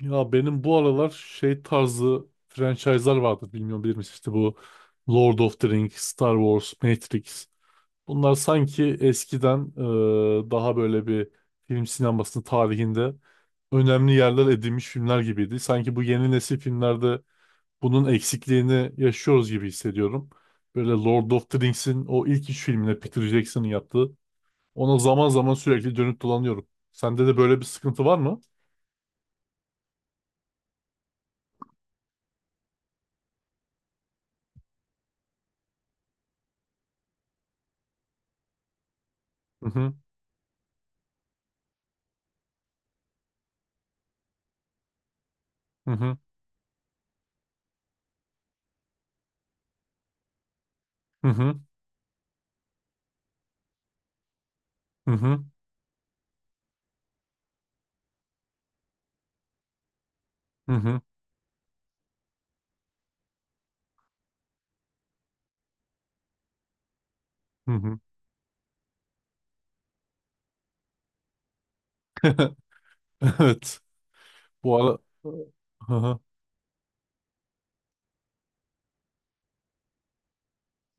Ya benim bu aralar şey tarzı franchise'lar vardı, bilmiyorum, bilir misin? İşte bu Lord of the Rings, Star Wars, Matrix. Bunlar sanki eskiden daha böyle bir film sinemasının tarihinde önemli yerler edinmiş filmler gibiydi. Sanki bu yeni nesil filmlerde bunun eksikliğini yaşıyoruz gibi hissediyorum. Böyle Lord of the Rings'in o ilk üç filmine Peter Jackson'ın yaptığı. Ona zaman zaman sürekli dönüp dolanıyorum. Sende de böyle bir sıkıntı var mı? Hı hı, hı hı, hı hı, hı hı. Hı hı. Hı hı. Evet. Bu ara... Hı hı.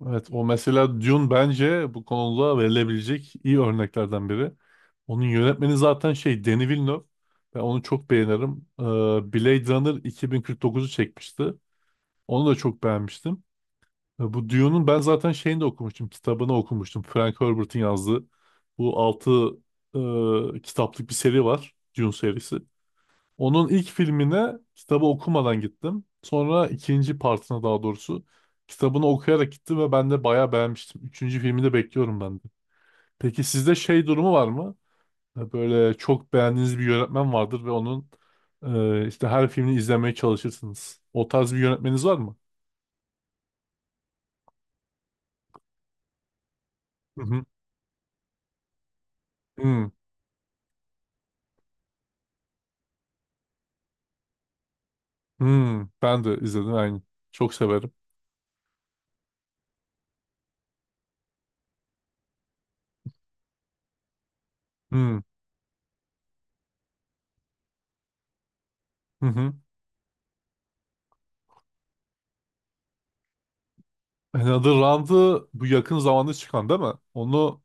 Evet, o mesela Dune bence bu konuda verilebilecek iyi örneklerden biri. Onun yönetmeni zaten şey Denis Villeneuve. Ben onu çok beğenirim. Blade Runner 2049'u çekmişti. Onu da çok beğenmiştim. Bu Dune'un ben zaten şeyini de okumuştum. Kitabını okumuştum. Frank Herbert'in yazdığı. Bu altı kitaplık bir seri var. Dune serisi. Onun ilk filmine kitabı okumadan gittim. Sonra ikinci partına, daha doğrusu kitabını okuyarak gittim ve ben de bayağı beğenmiştim. Üçüncü filmi de bekliyorum ben de. Peki sizde şey durumu var mı? Böyle çok beğendiğiniz bir yönetmen vardır ve onun işte her filmini izlemeye çalışırsınız. O tarz bir yönetmeniniz var mı? Hı hı. Hmm. Hmm. Ben de izledim aynı. Çok severim. Hmm. Hı hı. Another Round'ı, bu yakın zamanda çıkan değil mi? Onu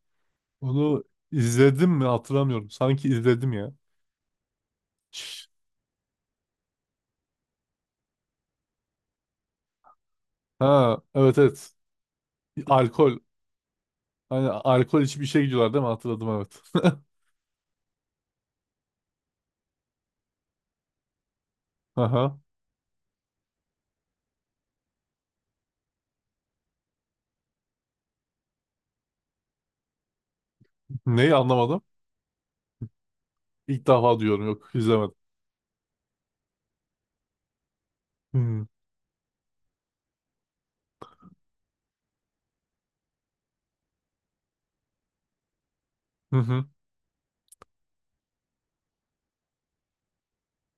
Onu izledim mi hatırlamıyorum. Sanki izledim ya. Ha, evet, evet. Alkol. Hani alkol içip işe gidiyorlar değil mi? Hatırladım, evet. Aha. Neyi anlamadım? İlk defa diyorum, yok, izlemedim. Hmm. Hı hı.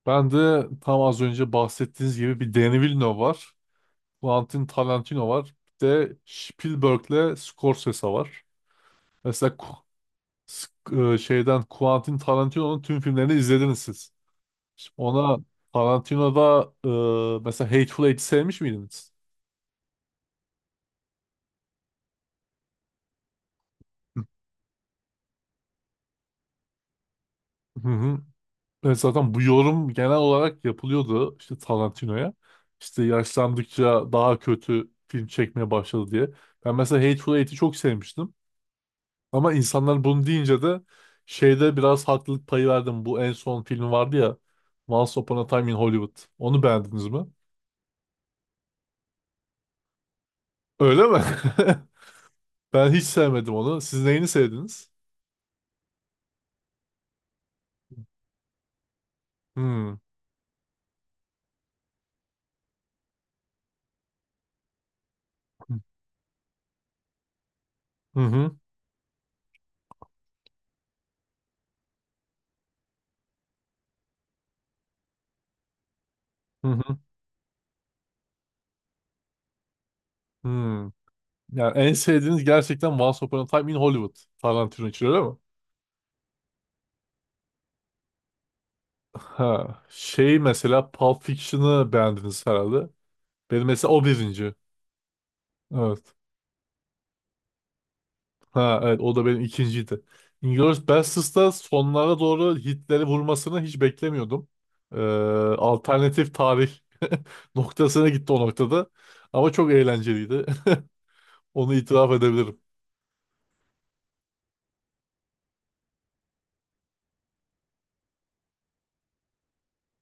Ben de tam az önce bahsettiğiniz gibi bir Danny Villeneuve var. Quentin Tarantino var. Bir de Spielberg'le Scorsese var. Mesela Sk- şeyden Quentin Tarantino'nun tüm filmlerini izlediniz siz. Ona Tarantino'da mesela Hateful Eight'i sevmiş miydiniz? Hı hı. Evet, zaten bu yorum genel olarak yapılıyordu işte Tarantino'ya. İşte yaşlandıkça daha kötü film çekmeye başladı diye. Ben mesela Hateful Eight'i çok sevmiştim. Ama insanlar bunu deyince de şeyde biraz haklılık payı verdim. Bu en son film vardı ya, Once Upon a Time in Hollywood. Onu beğendiniz mi? Öyle mi? Ben hiç sevmedim onu. Siz neyini sevdiniz? Hmm. Hı hı. Hı hı. Hmm. Yani en sevdiğiniz gerçekten Once Upon a Time in Hollywood, Tarantino için, öyle mi? Ha. Şey, mesela Pulp Fiction'ı beğendiniz herhalde. Benim mesela o birinci. Evet. Ha, evet, o da benim ikinciydi. Inglourious Basterds'da sonlara doğru Hitler'i vurmasını hiç beklemiyordum. Ee, alternatif tarih noktasına gitti o noktada. Ama çok eğlenceliydi. Onu itiraf edebilirim.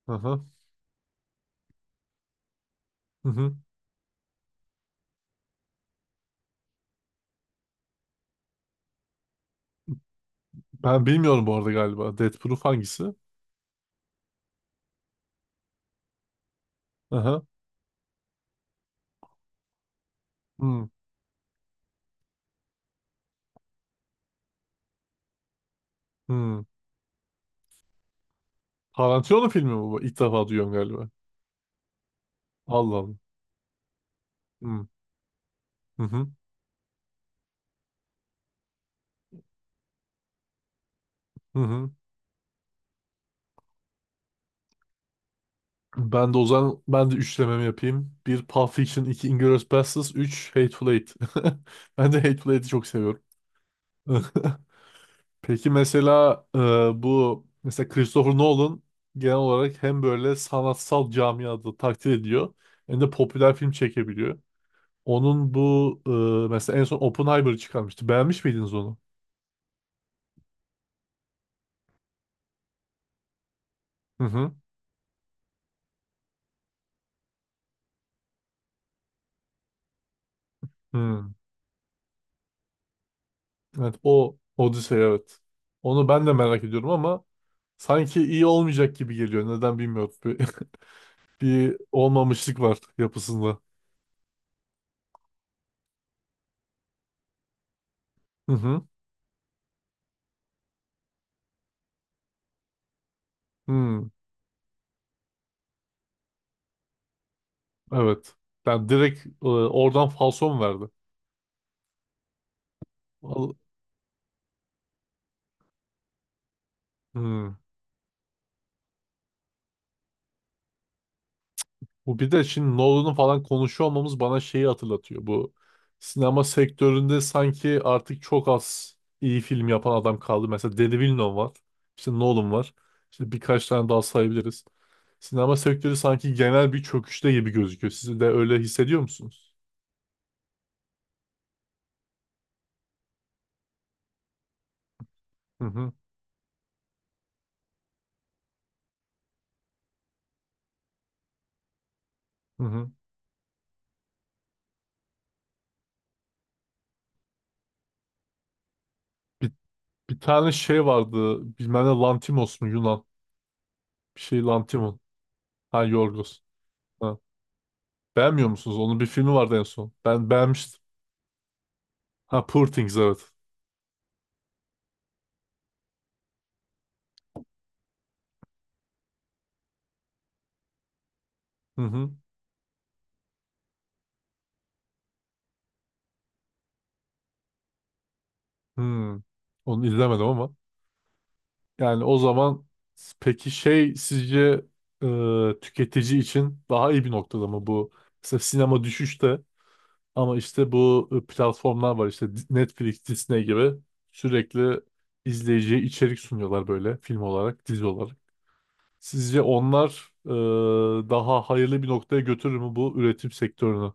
Hı hı. Hı hı. Ben bilmiyorum bu arada, galiba. Death Proof hangisi? Hı hı. Hmm. Hmm. Tarantino filmi mi bu? İlk defa duyuyorum galiba. Allah Allah. Hı. Hı hı. Hı hı. Ben de o zaman ben de üçlememi yapayım. Bir Pulp Fiction, iki Inglourious Basterds, üç Hateful Eight. Ben de Hateful Eight'i çok seviyorum. Peki mesela bu mesela Christopher Nolan genel olarak hem böyle sanatsal camiada takdir ediyor hem de popüler film çekebiliyor. Onun bu mesela en son Oppenheimer'ı çıkarmıştı. Beğenmiş miydiniz onu? Hı hı. Hı. Evet, o Odyssey, evet. Onu ben de merak ediyorum ama sanki iyi olmayacak gibi geliyor. Neden bilmiyorum. Bir olmamışlık var yapısında. Hı hı. Hmm, evet. Yani direkt oradan falso mu verdi? Al- Hmm. Bu bir de şimdi Nolan'ı falan konuşuyor olmamız bana şeyi hatırlatıyor. Bu sinema sektöründe sanki artık çok az iyi film yapan adam kaldı. Mesela Denis Villeneuve var. İşte Nolan var. İşte birkaç tane daha sayabiliriz. Sinema sektörü sanki genel bir çöküşte gibi gözüküyor. Siz de öyle hissediyor musunuz? Hı hı, hı hı. Bir, bir tane şey vardı. Bilmem ne Lantimos mu, Yunan? Bir şey Lantimos, Ha Yorgos. Ha. Beğenmiyor musunuz? Onun bir filmi vardı en son. Ben beğenmiştim. Ha, Poor Things, evet. Hı hı. Hmm. Onu izlemedim ama. Yani o zaman peki şey, sizce tüketici için daha iyi bir noktada mı bu? Mesela sinema düşüşte ama işte bu platformlar var işte, Netflix, Disney gibi, sürekli izleyiciye içerik sunuyorlar böyle, film olarak, dizi olarak. Sizce onlar daha hayırlı bir noktaya götürür mü bu üretim sektörünü?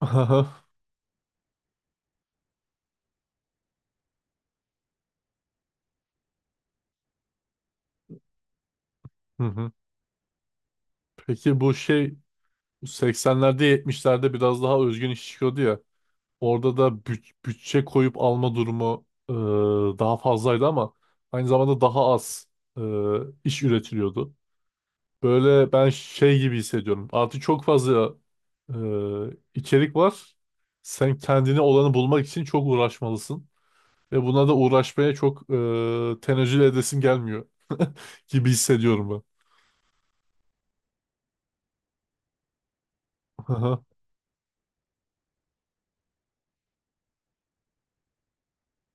Hı hı. Peki bu şey, 80'lerde, 70'lerde biraz daha özgün iş çıkıyordu ya. Orada da bütçe koyup alma durumu daha fazlaydı ama aynı zamanda daha az e, iş üretiliyordu. Böyle ben şey gibi hissediyorum. Artık çok fazla e, içerik var. Sen kendine olanı bulmak için çok uğraşmalısın. Ve buna da uğraşmaya çok tenezzül edesim gelmiyor gibi hissediyorum ben. Hı hı,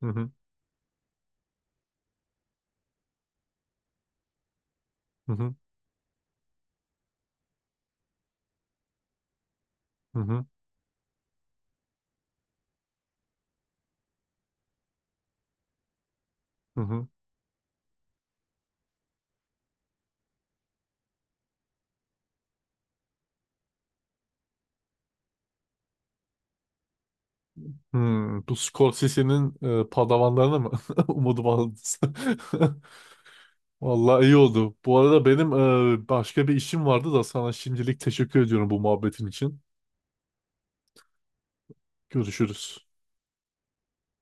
hı hı, hı hı, hı hı, hı. Hmm, bu Scorsese'nin padavanlarına mı? Umudum aldı. Vallahi iyi oldu. Bu arada benim başka bir işim vardı da sana şimdilik teşekkür ediyorum bu muhabbetin için. Görüşürüz.